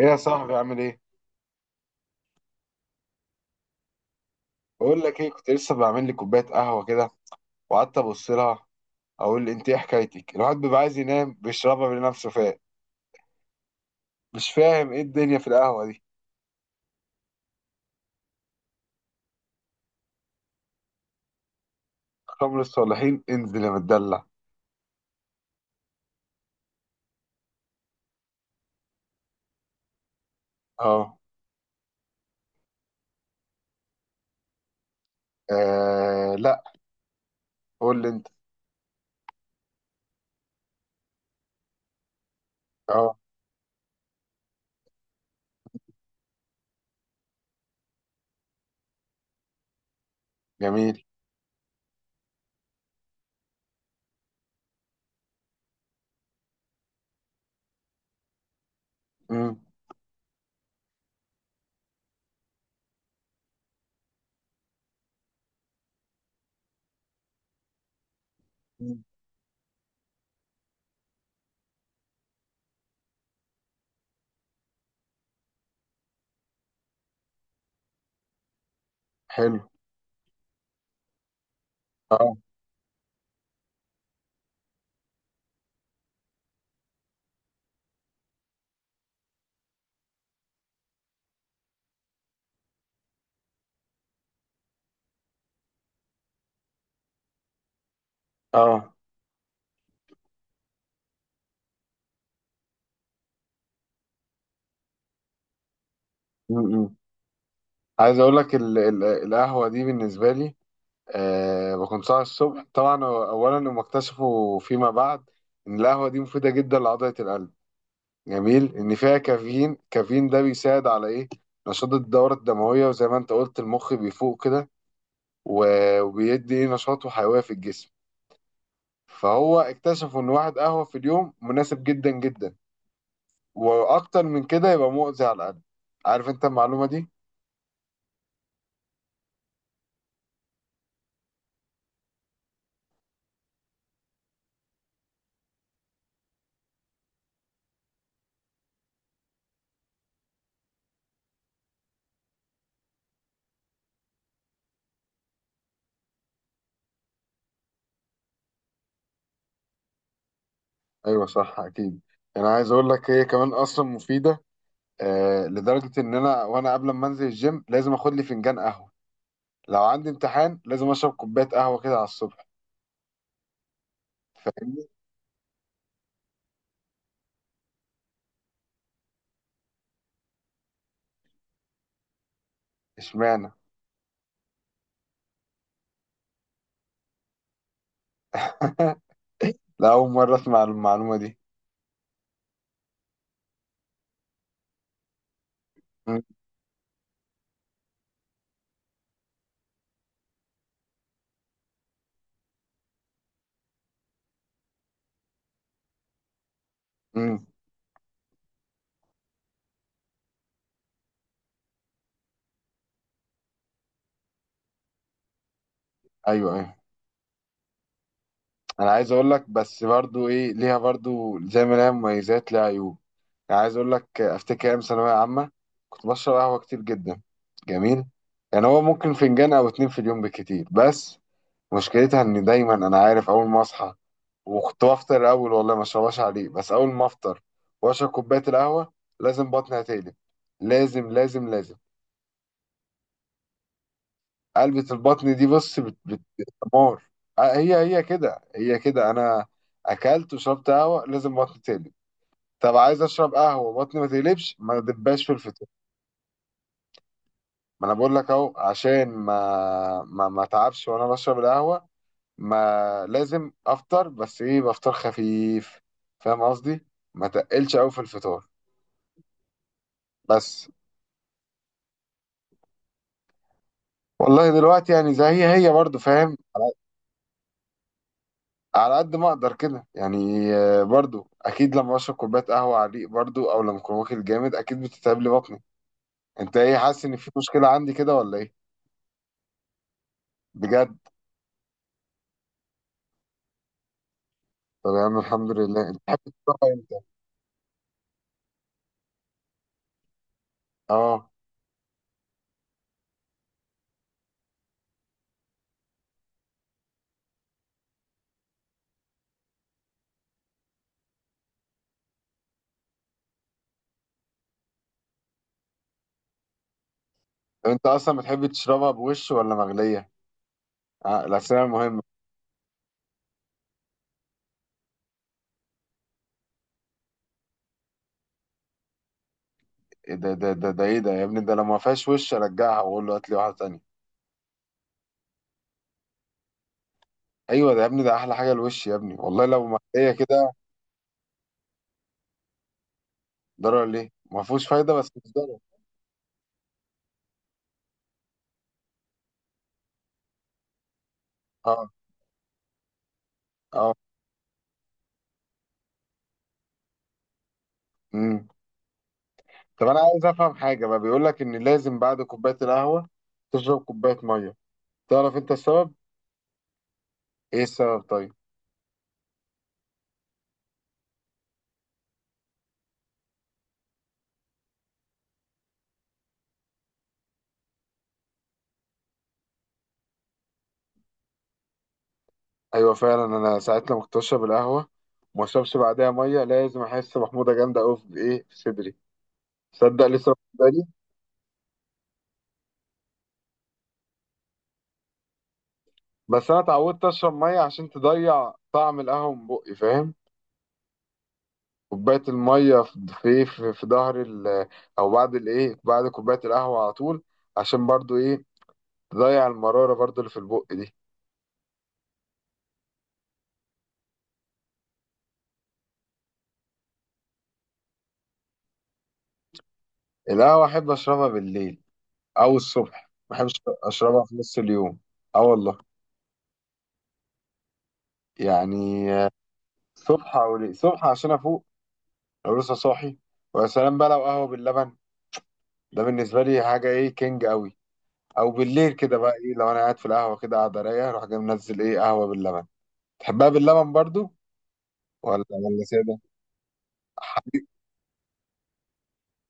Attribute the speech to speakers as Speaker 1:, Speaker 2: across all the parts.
Speaker 1: ايه يا صاحبي؟ عامل ايه؟ بقول لك ايه، كنت لسه بعمل لي كوبايه قهوه كده، وقعدت ابص لها، اقول انت ايه حكايتك. الواحد بيبقى عايز ينام بيشربها بنفسه، فاهم؟ مش فاهم ايه الدنيا في القهوه دي. خمر الصالحين؟ انزل يا متدلع. اه. آه، لا. قول لي انت. اه. جميل. امم. حلو. اه. اه. امم. عايز اقول لك القهوه دي بالنسبه لي، بكون صاحي الصبح طبعا. اولا هم اكتشفوا فيما بعد ان القهوه دي مفيده جدا لعضله القلب، جميل، ان فيها كافيين. كافيين ده بيساعد على ايه؟ نشاط الدوره الدمويه، وزي ما انت قلت، المخ بيفوق كده، وبيدي ايه؟ نشاط وحيويه في الجسم. فهو اكتشفوا ان واحد قهوه في اليوم مناسب جدا جدا، واكتر من كده يبقى مؤذي على القلب. عارف انت المعلومه دي؟ ايوه، صح، اكيد. انا عايز اقول لك هي كمان اصلا مفيده. لدرجه ان انا، قبل ما انزل الجيم لازم اخد لي فنجان قهوه، لو عندي امتحان لازم اشرب كوبايه قهوه كده على الصبح. فاهمني؟ اشمعنى؟ لا، أول مرة أسمع المعلومة دي. مم. مم. أيوه، أيوه. أنا عايز أقول لك بس برضو إيه، ليها برضو زي ما ليها مميزات ليها عيوب. يعني عايز أقول لك، أفتكر أيام ثانوية عامة كنت بشرب قهوة كتير جدا. جميل. يعني هو ممكن فنجان أو اتنين في اليوم بالكتير بس. مشكلتها إن دايما أنا عارف أول ما أصحى، وكنت بفطر أول، والله ما أشربهاش عليه، بس أول ما أفطر وأشرب كوباية القهوة لازم بطني هتقلب. لازم، لازم، لازم. قلبة البطن دي، بص، بت بت، دمار. هي كده، هي كده، انا اكلت وشربت قهوه لازم بطني تقلب. طب عايز اشرب قهوه بطني ما تقلبش، ما دباش في الفطار. ما انا بقول لك اهو، عشان ما اتعبش وانا بشرب القهوه ما لازم افطر، بس ايه، بفطر خفيف. فاهم قصدي؟ ما تقلش قوي في الفطار بس. والله دلوقتي يعني زي، هي برضو، فاهم؟ على قد ما اقدر كده يعني. برضو اكيد لما اشرب كوبايه قهوه على الريق برضو، او لما اكون واكل جامد، اكيد بتتعب لي بطني. انت ايه؟ حاسس ان في مشكله عندي كده ولا ايه؟ بجد؟ طب يا عم، الحمد لله. انت بتحب تشربها امتى؟ اه. طب انت اصلا بتحب تشربها بوش ولا مغليه؟ الاسئله المهمه. إيه ده يا ابني، ده لو ما فيهاش وش ارجعها واقول له هات لي واحده تانية. ايوه ده يا ابني، ده احلى حاجه الوش يا ابني، والله لو مغليه كده. ضرر ليه؟ ما فيهوش فايده بس مش ضرر. اه. اه. امم. طب انا عايز افهم حاجه بقى، بيقول لك ان لازم بعد كوبايه القهوه تشرب كوبايه ميه. تعرف انت السبب؟ ايه السبب طيب؟ ايوه فعلا، انا ساعات لما كنت اشرب القهوه وما اشربش بعدها ميه لازم احس محموضه جامده قوي في ايه، في صدري. تصدق لسه واخد بالي. بس انا اتعودت اشرب ميه عشان تضيع طعم القهوه من بقي، فاهم. كوبايه الميه في في في, في ظهر ال- او بعد الايه، بعد كوبايه القهوه على طول، عشان برضو ايه؟ تضيع المراره برضو اللي في البق دي. القهوه احب اشربها بالليل او الصبح، ما بحبش اشربها في نص اليوم. اه والله، يعني الصبح او ليه؟ الصبح عشان افوق، لو لسه صاحي. ويا سلام بقى لو قهوه باللبن، ده بالنسبه لي حاجه ايه، كينج قوي. او بالليل كده بقى ايه، لو انا قاعد في القهوه كده قاعد رايقه اروح جاي منزل ايه، قهوه باللبن. تحبها باللبن برضو؟ ولا ساده. حليب.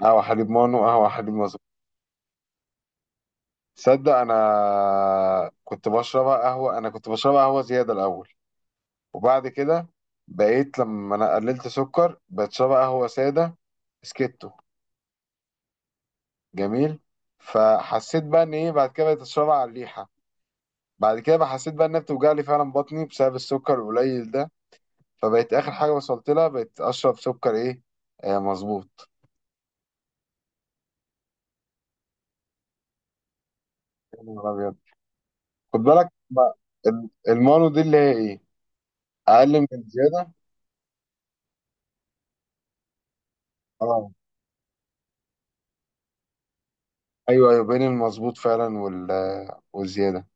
Speaker 1: قهوه حليب مانو، قهوه حليب مظبوط. تصدق انا كنت بشربها قهوه زياده الاول، وبعد كده بقيت لما انا قللت سكر بتشرب قهوه ساده سكتو. جميل. فحسيت بقى ان ايه، بعد كده بقيت اشربها على الريحه. بعد كده بقى حسيت بقى انها بتوجع لي فعلا بطني بسبب السكر القليل ده، فبقيت اخر حاجه وصلت لها بقيت اشرب سكر ايه، آه، مظبوط. يا نهار ابيض. خد بالك بقى، المانو دي اللي هي ايه، اقل من الزياده. اه. ايوه، ايوه، بين المظبوط فعلا وال، والزياده.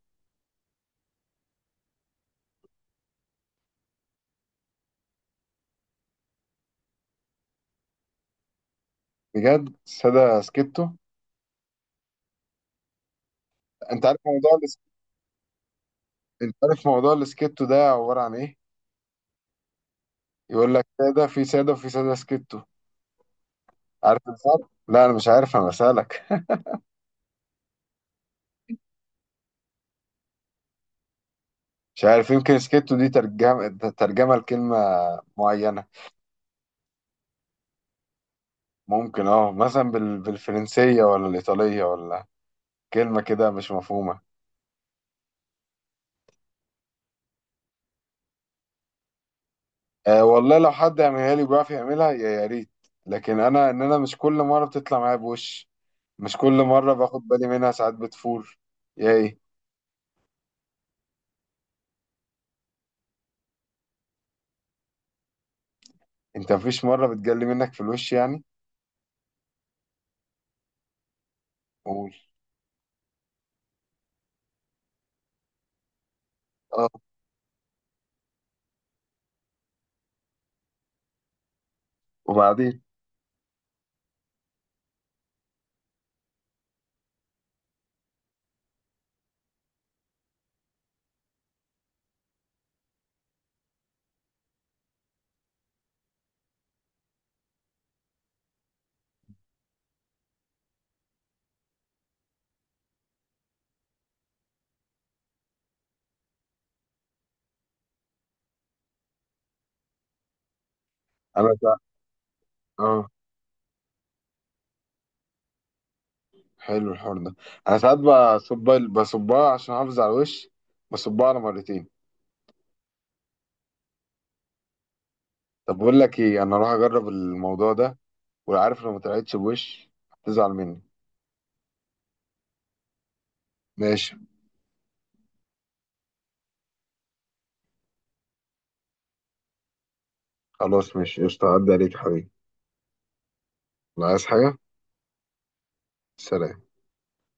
Speaker 1: بجد؟ ساده سكتو. انت عارف موضوع انت عارف موضوع السكيتو ده عبارة عن ايه؟ يقول لك سادة في سادة وفي سادة سكيتو. عارف الفرق؟ لا انا مش عارف، انا بسألك. مش عارف، يمكن سكيتو دي ترجمة لكلمة معينة. ممكن اه، مثلا بالفرنسية ولا الإيطالية، ولا كلمة كده مش مفهومة. آه والله، لو حد يعملها لي وبيعرف يعملها يا ريت، لكن انا مش كل مرة بتطلع معايا بوش، مش كل مرة باخد بالي منها، ساعات بتفور. يا ايه؟ انت مفيش مرة بتجلي منك في الوش يعني؟ قول. اه. وبعدين؟ انا سا... اه. حلو الحوار ده. انا ساعات بصب، بصبها عشان احافظ على الوش، بصبها على مرتين. طب بقول لك ايه، انا اروح اجرب الموضوع ده، وعارف لو ما طلعتش بوش هتزعل مني. ماشي. خلاص ماشي قشطة، عدى عليك يا حبيبي. لا عايز حاجة. سلام.